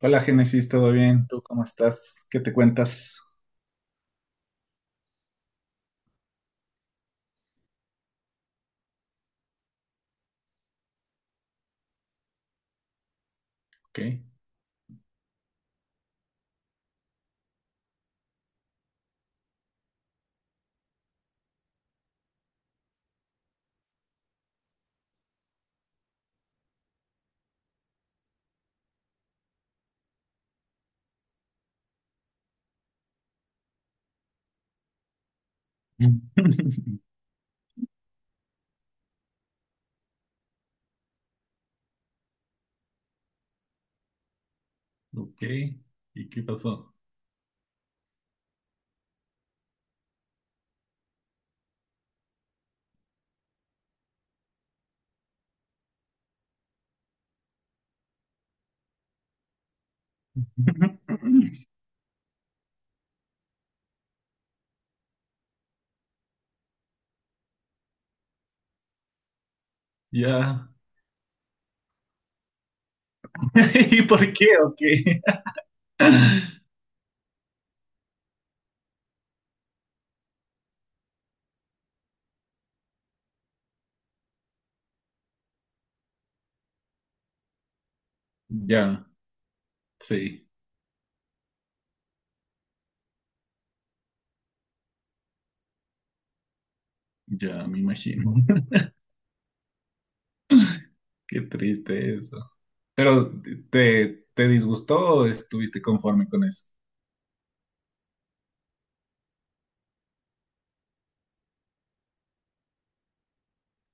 Hola Génesis, ¿todo bien? ¿Tú cómo estás? ¿Qué te cuentas? Ok, ok. ¿Y qué pasó? Ya. ¿Y por qué? ¿Ok? Ya, sí, ya me imagino. Qué triste eso. ¿Pero te disgustó o estuviste conforme con eso?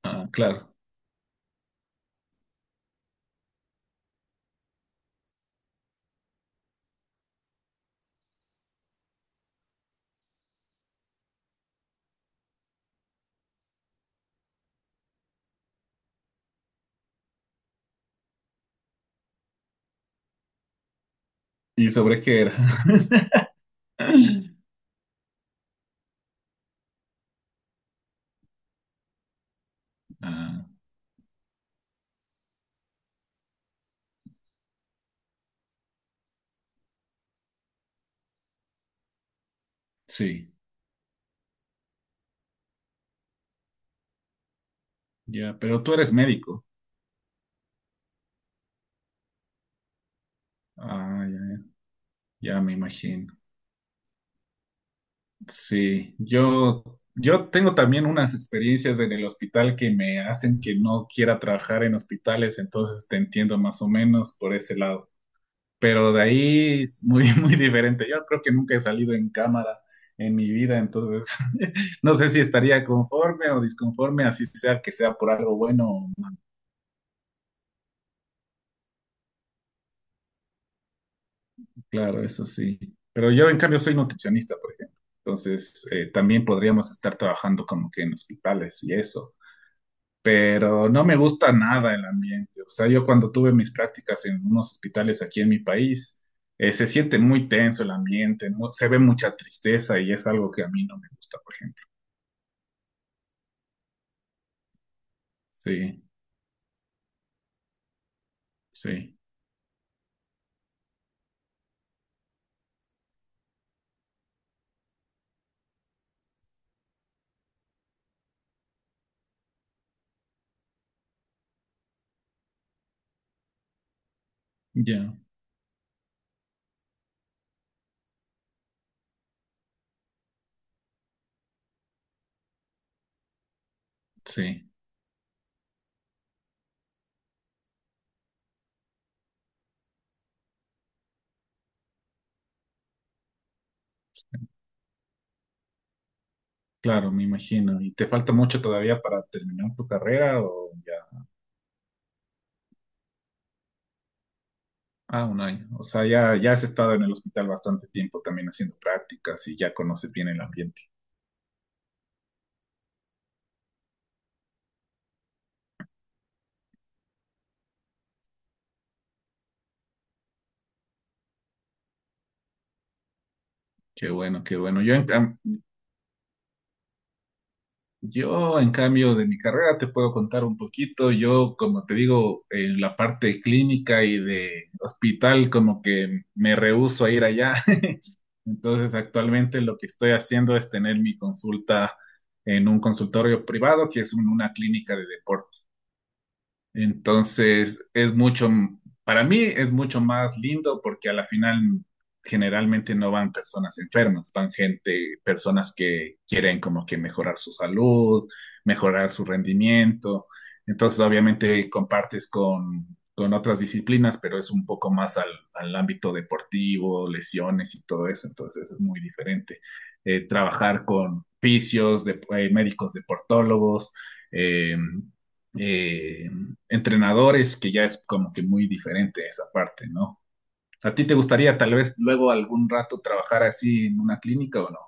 Ah, claro. ¿Y sobre qué era? Ah, sí, ya. Pero tú eres médico. Ah, ya, ya me imagino. Sí, yo tengo también unas experiencias en el hospital que me hacen que no quiera trabajar en hospitales, entonces te entiendo más o menos por ese lado. Pero de ahí es muy, muy diferente. Yo creo que nunca he salido en cámara en mi vida, entonces no sé si estaría conforme o disconforme, así sea que sea por algo bueno o no. Claro, eso sí. Pero yo en cambio soy nutricionista, por ejemplo. Entonces también podríamos estar trabajando como que en hospitales y eso, pero no me gusta nada el ambiente. O sea, yo cuando tuve mis prácticas en unos hospitales aquí en mi país, se siente muy tenso el ambiente, se ve mucha tristeza y es algo que a mí no me gusta, por ejemplo. Sí, sí, ya, sí, claro, me imagino. ¿Y te falta mucho todavía para terminar tu carrera o ya? Ah, un año. O sea, ya, ya has estado en el hospital bastante tiempo también haciendo prácticas y ya conoces bien el ambiente. Qué bueno, qué bueno. Yo, en cambio, de mi carrera te puedo contar un poquito. Yo, como te digo, en la parte clínica y de hospital, como que me rehúso a ir allá. Entonces, actualmente lo que estoy haciendo es tener mi consulta en un consultorio privado, que es una clínica de deporte. Entonces, para mí es mucho más lindo porque a la final generalmente no van personas enfermas, van gente, personas que quieren como que mejorar su salud, mejorar su rendimiento. Entonces, obviamente con otras disciplinas, pero es un poco al ámbito deportivo, lesiones y todo eso. Entonces, es muy diferente. Trabajar con fisios, de, médicos deportólogos, eh, eh, entrenadores, que ya es como que muy diferente esa parte, ¿no? ¿A ti te gustaría tal vez luego algún rato trabajar así en una clínica o no?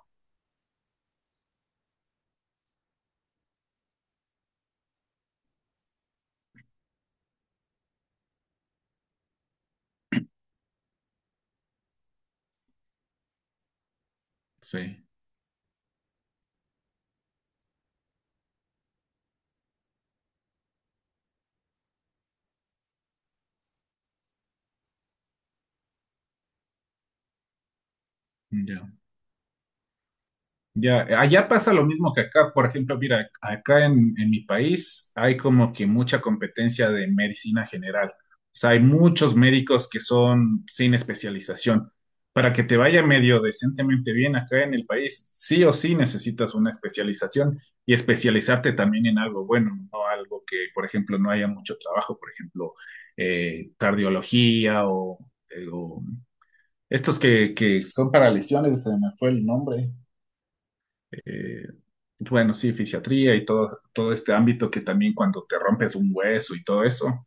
Sí, ya. Ya, allá pasa lo mismo que acá. Por ejemplo, mira, acá en mi país hay como que mucha competencia de medicina general. O sea, hay muchos médicos que son sin especialización. Para que te vaya medio decentemente bien acá en el país, sí o sí necesitas una especialización y especializarte también en algo bueno, no algo que, por ejemplo, no haya mucho trabajo, por ejemplo, cardiología o estos que son para lesiones, se me fue el nombre. Eh, bueno, sí, fisiatría y todo, todo este ámbito que también cuando te rompes un hueso y todo eso.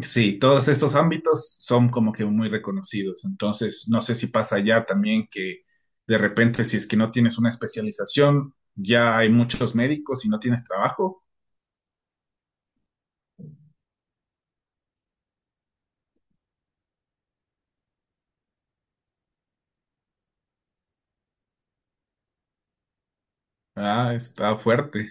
Sí, todos esos ámbitos son como que muy reconocidos. Entonces, no sé si pasa ya también que de repente, si es que no tienes una especialización, ya hay muchos médicos y no tienes trabajo. Ah, está fuerte.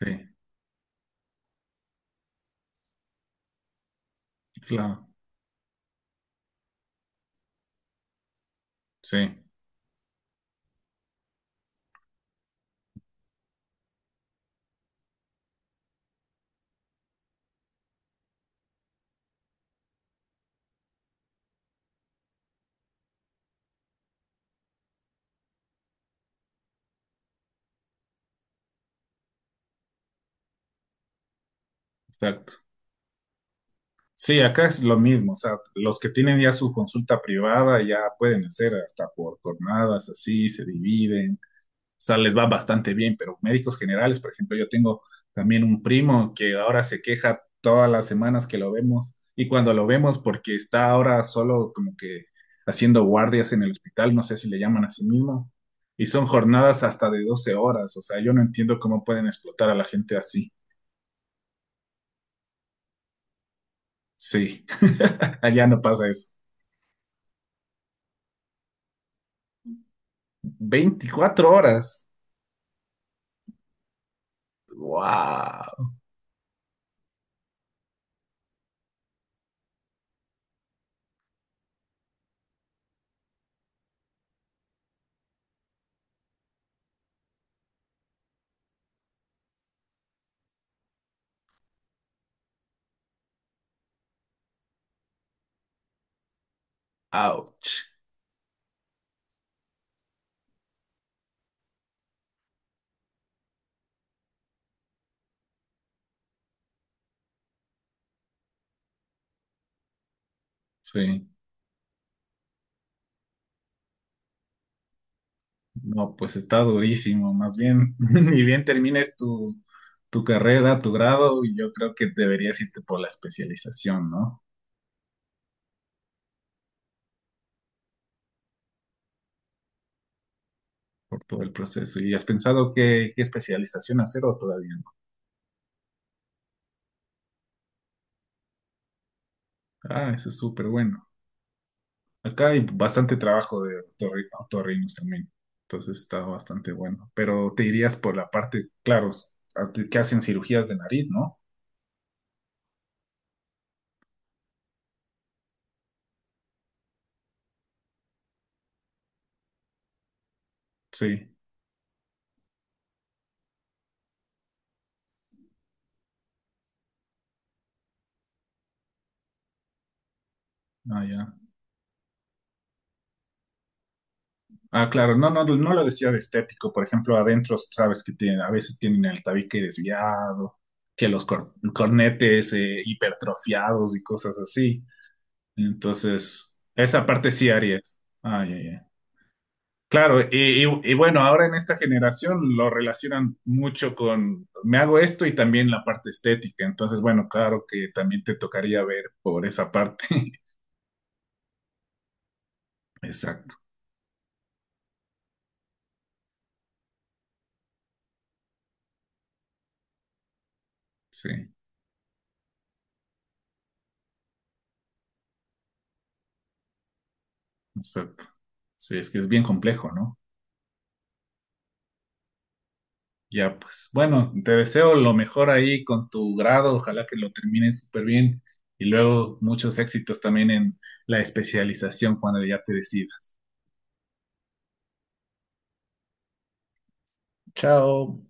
Sí, claro. Sí, exacto. Sí, acá es lo mismo. O sea, los que tienen ya su consulta privada ya pueden hacer hasta por jornadas, así se dividen, o sea, les va bastante bien, pero médicos generales, por ejemplo, yo tengo también un primo que ahora se queja todas las semanas que lo vemos y cuando lo vemos porque está ahora solo como que haciendo guardias en el hospital, no sé si le llaman a sí mismo, y son jornadas hasta de 12 horas, o sea, yo no entiendo cómo pueden explotar a la gente así. Sí, allá no pasa eso. 24 horas. Wow, ouch. Sí. No, pues está durísimo, más bien, ni bien termines tu carrera, tu grado, y yo creo que deberías irte por la especialización, ¿no? Por todo el proceso. ¿Y has pensado qué especialización hacer o todavía no? Ah, eso es súper bueno. Acá hay bastante trabajo de otorrinos también, entonces está bastante bueno. Pero te irías por la parte, claro, a ti que hacen cirugías de nariz, ¿no? Sí, ah, ya. Ah, claro, no, no, no lo decía de estético. Por ejemplo, adentro sabes que tienen, a veces tienen el tabique desviado, que los cornetes hipertrofiados y cosas así. Entonces, esa parte sí harías. Ah, ya, ya. Claro, y bueno, ahora en esta generación lo relacionan mucho con me hago esto y también la parte estética. Entonces, bueno, claro que también te tocaría ver por esa parte. Exacto, sí, exacto. Sí, es que es bien complejo, ¿no? Ya, pues bueno, te deseo lo mejor ahí con tu grado, ojalá que lo termines súper bien y luego muchos éxitos también en la especialización cuando ya te decidas. Chao.